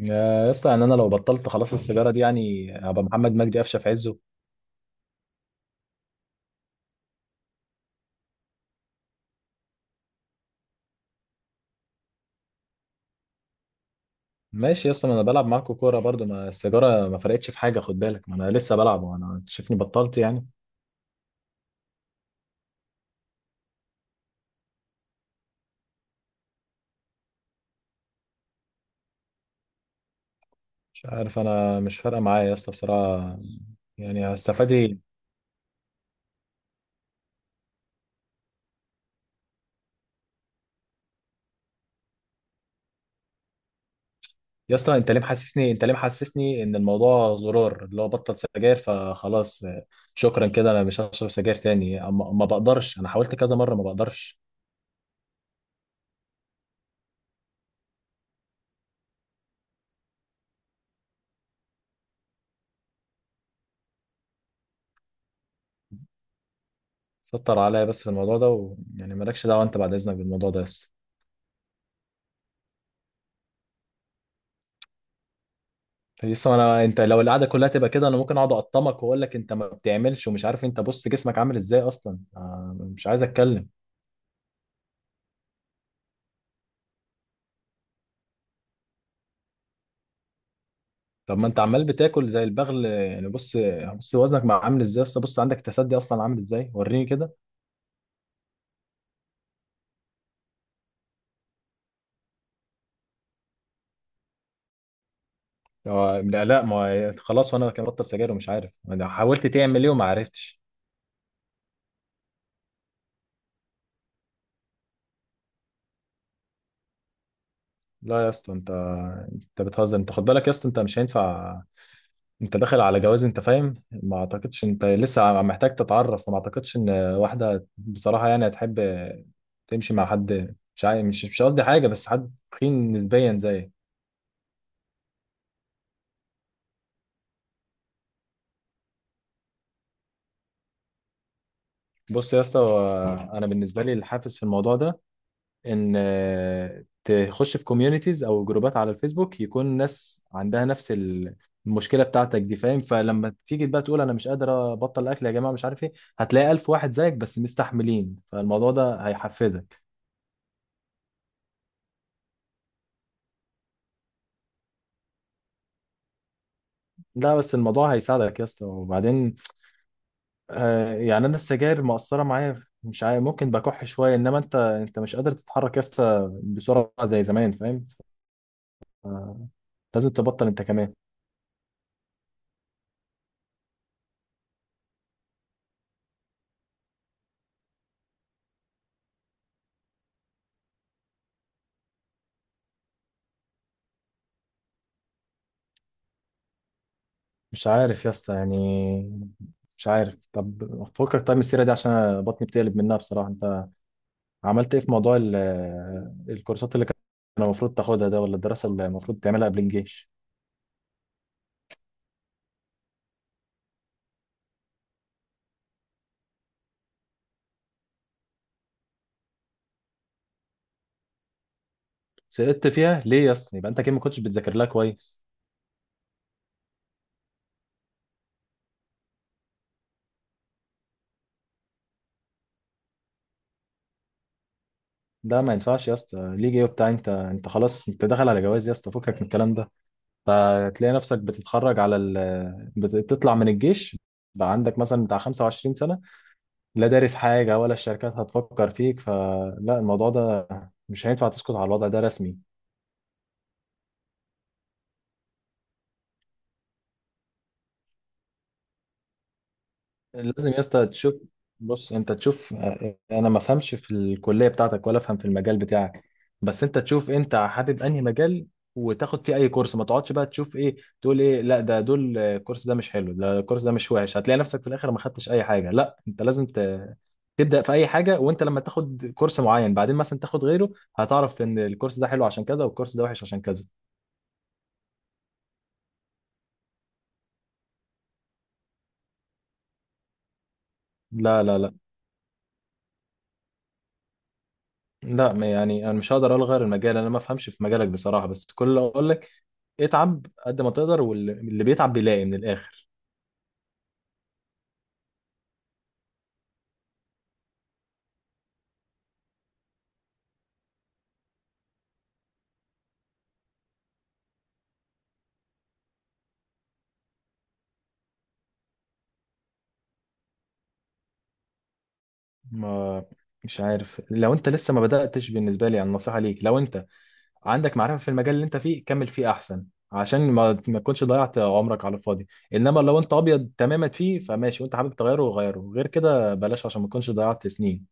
يا اسطى، يعني انا لو بطلت خلاص السيجاره دي يعني هبقى محمد مجدي قفشه في عزه. ماشي يا اسطى، ما انا بلعب معاكوا كوره برضو، ما السيجاره ما فرقتش في حاجه، خد بالك، ما انا لسه بلعب وانا شايفني بطلت يعني. مش عارف، انا مش فارقه معايا يا اسطى بصراحه. يعني هستفاد ايه؟ يا اسطى، انت ليه محسسني ان الموضوع زرار اللي هو بطل سجاير فخلاص؟ شكرا كده، انا مش هشرب سجاير تاني. ما بقدرش، انا حاولت كذا مره ما بقدرش. سطر عليا بس في الموضوع ده، ويعني مالكش دعوه انت بعد اذنك بالموضوع ده يا اسطى. لسه ما انا، انت لو القعده كلها تبقى كده انا ممكن اقعد اقطمك واقول لك انت ما بتعملش ومش عارف. انت بص جسمك عامل ازاي اصلا؟ مش عايز اتكلم. طب ما انت عمال بتاكل زي البغل يعني. بص، بص وزنك ما عامل ازاي اصلا، بص عندك تسدي اصلا عامل ازاي، وريني كده. لا، لا، ما هو خلاص، وانا كان بطل سجاير ومش عارف، انا حاولت تعمل ايه وما عرفتش. لا يا اسطى، انت بتهزر. انت خد بالك يا اسطى، انت مش هينفع، انت داخل على جواز انت فاهم. ما اعتقدش انت لسه محتاج تتعرف، وما اعتقدش ان واحده بصراحه يعني هتحب تمشي مع حد مش قصدي حاجه، بس حد تخين نسبيا زيك. بص يا اسطى، هو انا بالنسبه لي الحافز في الموضوع ده ان تخش في كوميونيتيز او جروبات على الفيسبوك، يكون ناس عندها نفس المشكله بتاعتك دي فاهم. فلما تيجي بقى تقول انا مش قادر ابطل اكل يا جماعه مش عارف ايه، هتلاقي الف واحد زيك بس مستحملين، فالموضوع ده هيحفزك. لا بس الموضوع هيساعدك يا اسطى، وبعدين يعني انا السجاير مؤثره معايا مش عارف، ممكن بكح شويه، انما انت مش قادر تتحرك يا اسطى بسرعه زي زمان فاهم. آه لازم تبطل انت كمان. مش عارف يا اسطى يعني، مش عارف. طب فكك طيب من السيره دي عشان أنا بطني بتقلب منها بصراحه. انت عملت ايه في موضوع الكورسات اللي كان المفروض تاخدها ده، ولا الدراسه اللي المفروض تعملها قبل الجيش؟ سقطت فيها ليه يا اسطى؟ يبقى انت كده ما كنتش بتذاكر لها كويس. ده ما ينفعش يا اسطى، ليج ايه وبتاع، انت خلاص، انت داخل على جواز يا اسطى، فكك من الكلام ده. فتلاقي نفسك بتتخرج على بتطلع من الجيش بقى عندك مثلا بتاع 25 سنة، لا دارس حاجة، ولا الشركات هتفكر فيك، فلا الموضوع ده مش هينفع، تسكت على الوضع ده رسمي. لازم يا اسطى تشوف، بص انت تشوف. انا ما فهمش في الكليه بتاعتك ولا افهم في المجال بتاعك، بس انت تشوف انت حابب انهي مجال وتاخد فيه اي كورس. ما تقعدش بقى تشوف ايه، تقول ايه، لا ده دول الكورس ده مش حلو، ده الكورس ده مش وحش، هتلاقي نفسك في الاخر ما خدتش اي حاجه. لا انت لازم تبدا في اي حاجه، وانت لما تاخد كورس معين بعدين مثلا تاخد غيره، هتعرف ان الكورس ده حلو عشان كذا، والكورس ده وحش عشان كذا. لا، لا، لا، لا، يعني انا مش هقدر الغي المجال، انا ما افهمش في مجالك بصراحه، بس كل اللي اقول لك اتعب قد ما تقدر، واللي بيتعب بيلاقي من الاخر. ما مش عارف، لو انت لسه ما بداتش بالنسبه لي يعني نصيحه ليك، لو انت عندك معرفه في المجال اللي انت فيه كمل فيه احسن، عشان ما تكونش ضيعت عمرك على الفاضي. انما لو انت ابيض تماما فيه فماشي، وانت حابب تغيره غيره، غير كده بلاش، عشان ما تكونش ضيعت سنين.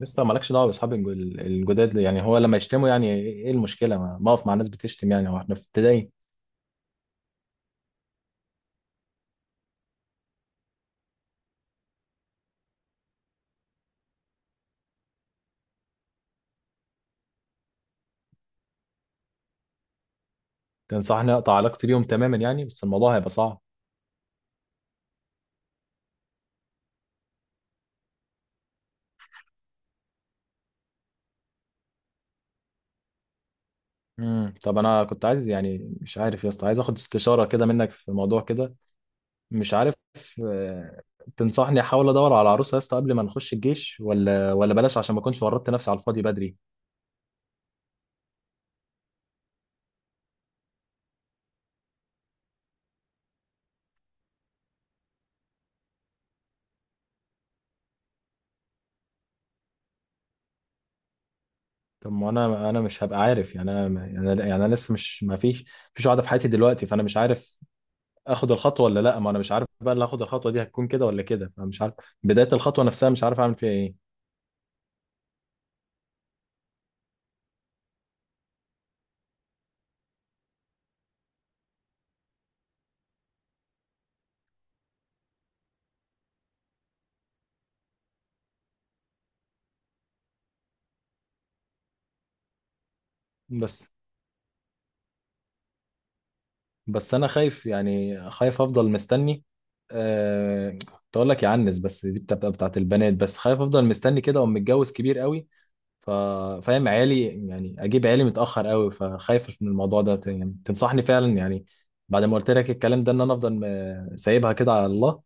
لسه مالكش دعوه باصحاب الجداد يعني. هو لما يشتموا يعني ايه؟ إيه المشكله ما اقف مع ناس بتشتم؟ يعني هو احنا في ابتدائي؟ تنصحني اقطع علاقتي بيهم تماما يعني؟ بس الموضوع هيبقى صعب. طب انا كنت عايز يعني، مش عارف يا اسطى، عايز اخد استشاره كده منك في موضوع كده. مش عارف، آه، تنصحني احاول ادور على عروسه يا اسطى قبل ما نخش الجيش؟ ولا بلاش عشان ما اكونش ورطت نفسي على الفاضي بدري؟ طب ما انا مش هبقى عارف يعني، انا يعني انا لسه مش، ما فيش مفيش واحده في حياتي دلوقتي، فانا مش عارف اخد الخطوه ولا لا. ما انا مش عارف بقى اللي هاخد الخطوه دي هتكون كده ولا كده، فمش عارف. بدايه الخطوه نفسها مش عارف اعمل فيها ايه. بس بس انا خايف يعني، خايف افضل مستني. كنت اقول لك يعنس بس دي بتبقى بتاعت البنات، بس خايف افضل مستني كده، وأقوم متجوز كبير قوي. ف- فاهم عيالي يعني، اجيب عيالي متاخر قوي، فخايف من الموضوع ده. يعني تنصحني فعلا يعني بعد ما قلت لك الكلام ده ان انا افضل سايبها كده على الله؟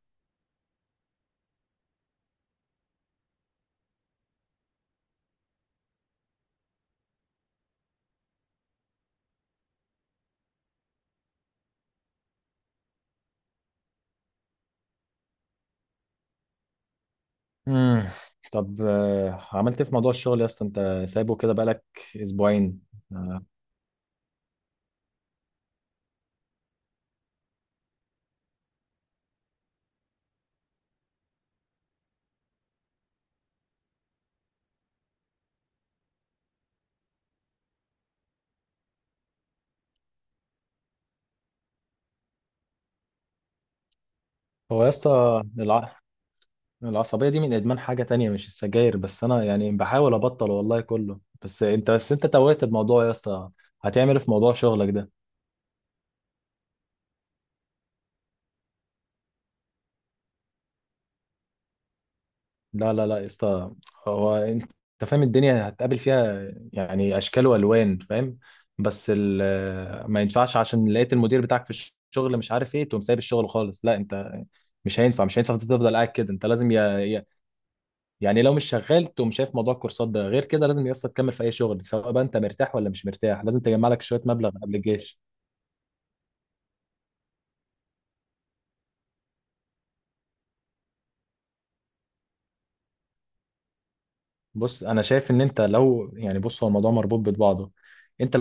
امم طب، عملت ايه في موضوع الشغل يا اسطى؟ انت سايبه كده بقالك اسبوعين. آه، هو يا اسطى العصبية دي من إدمان حاجة تانية مش السجاير بس، أنا يعني بحاول أبطل والله كله، بس أنت توهت الموضوع يا اسطى. هتعمل إيه في موضوع شغلك ده؟ لا، لا، لا، يا اسطى، هو أنت فاهم الدنيا هتقابل فيها يعني أشكال وألوان فاهم. بس ما ينفعش عشان لقيت المدير بتاعك في الشغل مش عارف إيه تقوم سايب الشغل خالص. لا أنت مش هينفع، تفضل قاعد كده. أنت لازم يعني لو مش شغال تقوم شايف موضوع الكورسات ده، غير كده لازم يا اسطى تكمل في اي شغل، سواء بقى انت مرتاح ولا مش مرتاح، لازم تجمع لك شويه مبلغ قبل الجيش. بص انا شايف ان انت لو يعني، بص هو الموضوع مربوط ببعضه. انت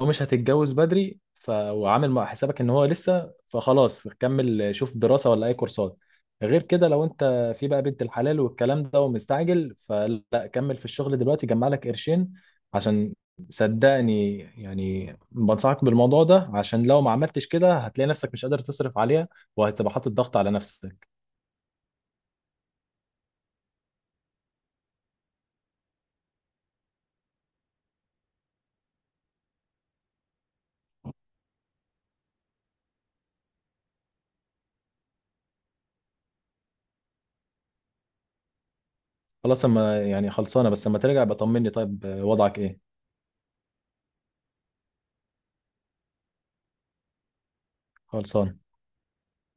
هو مش هتتجوز بدري، وعامل مع حسابك ان هو لسه، فخلاص كمل شوف دراسة ولا اي كورسات. غير كده لو انت في بقى بنت الحلال والكلام ده ومستعجل، فلا كمل في الشغل دلوقتي جمع لك قرشين، عشان صدقني يعني بنصحك بالموضوع ده، عشان لو ما عملتش كده هتلاقي نفسك مش قادر تصرف عليها، وهتبقى حاطط ضغط على نفسك. خلاص، اما يعني خلصانة، بس اما ترجع بطمني طيب وضعك ايه. خلصانة.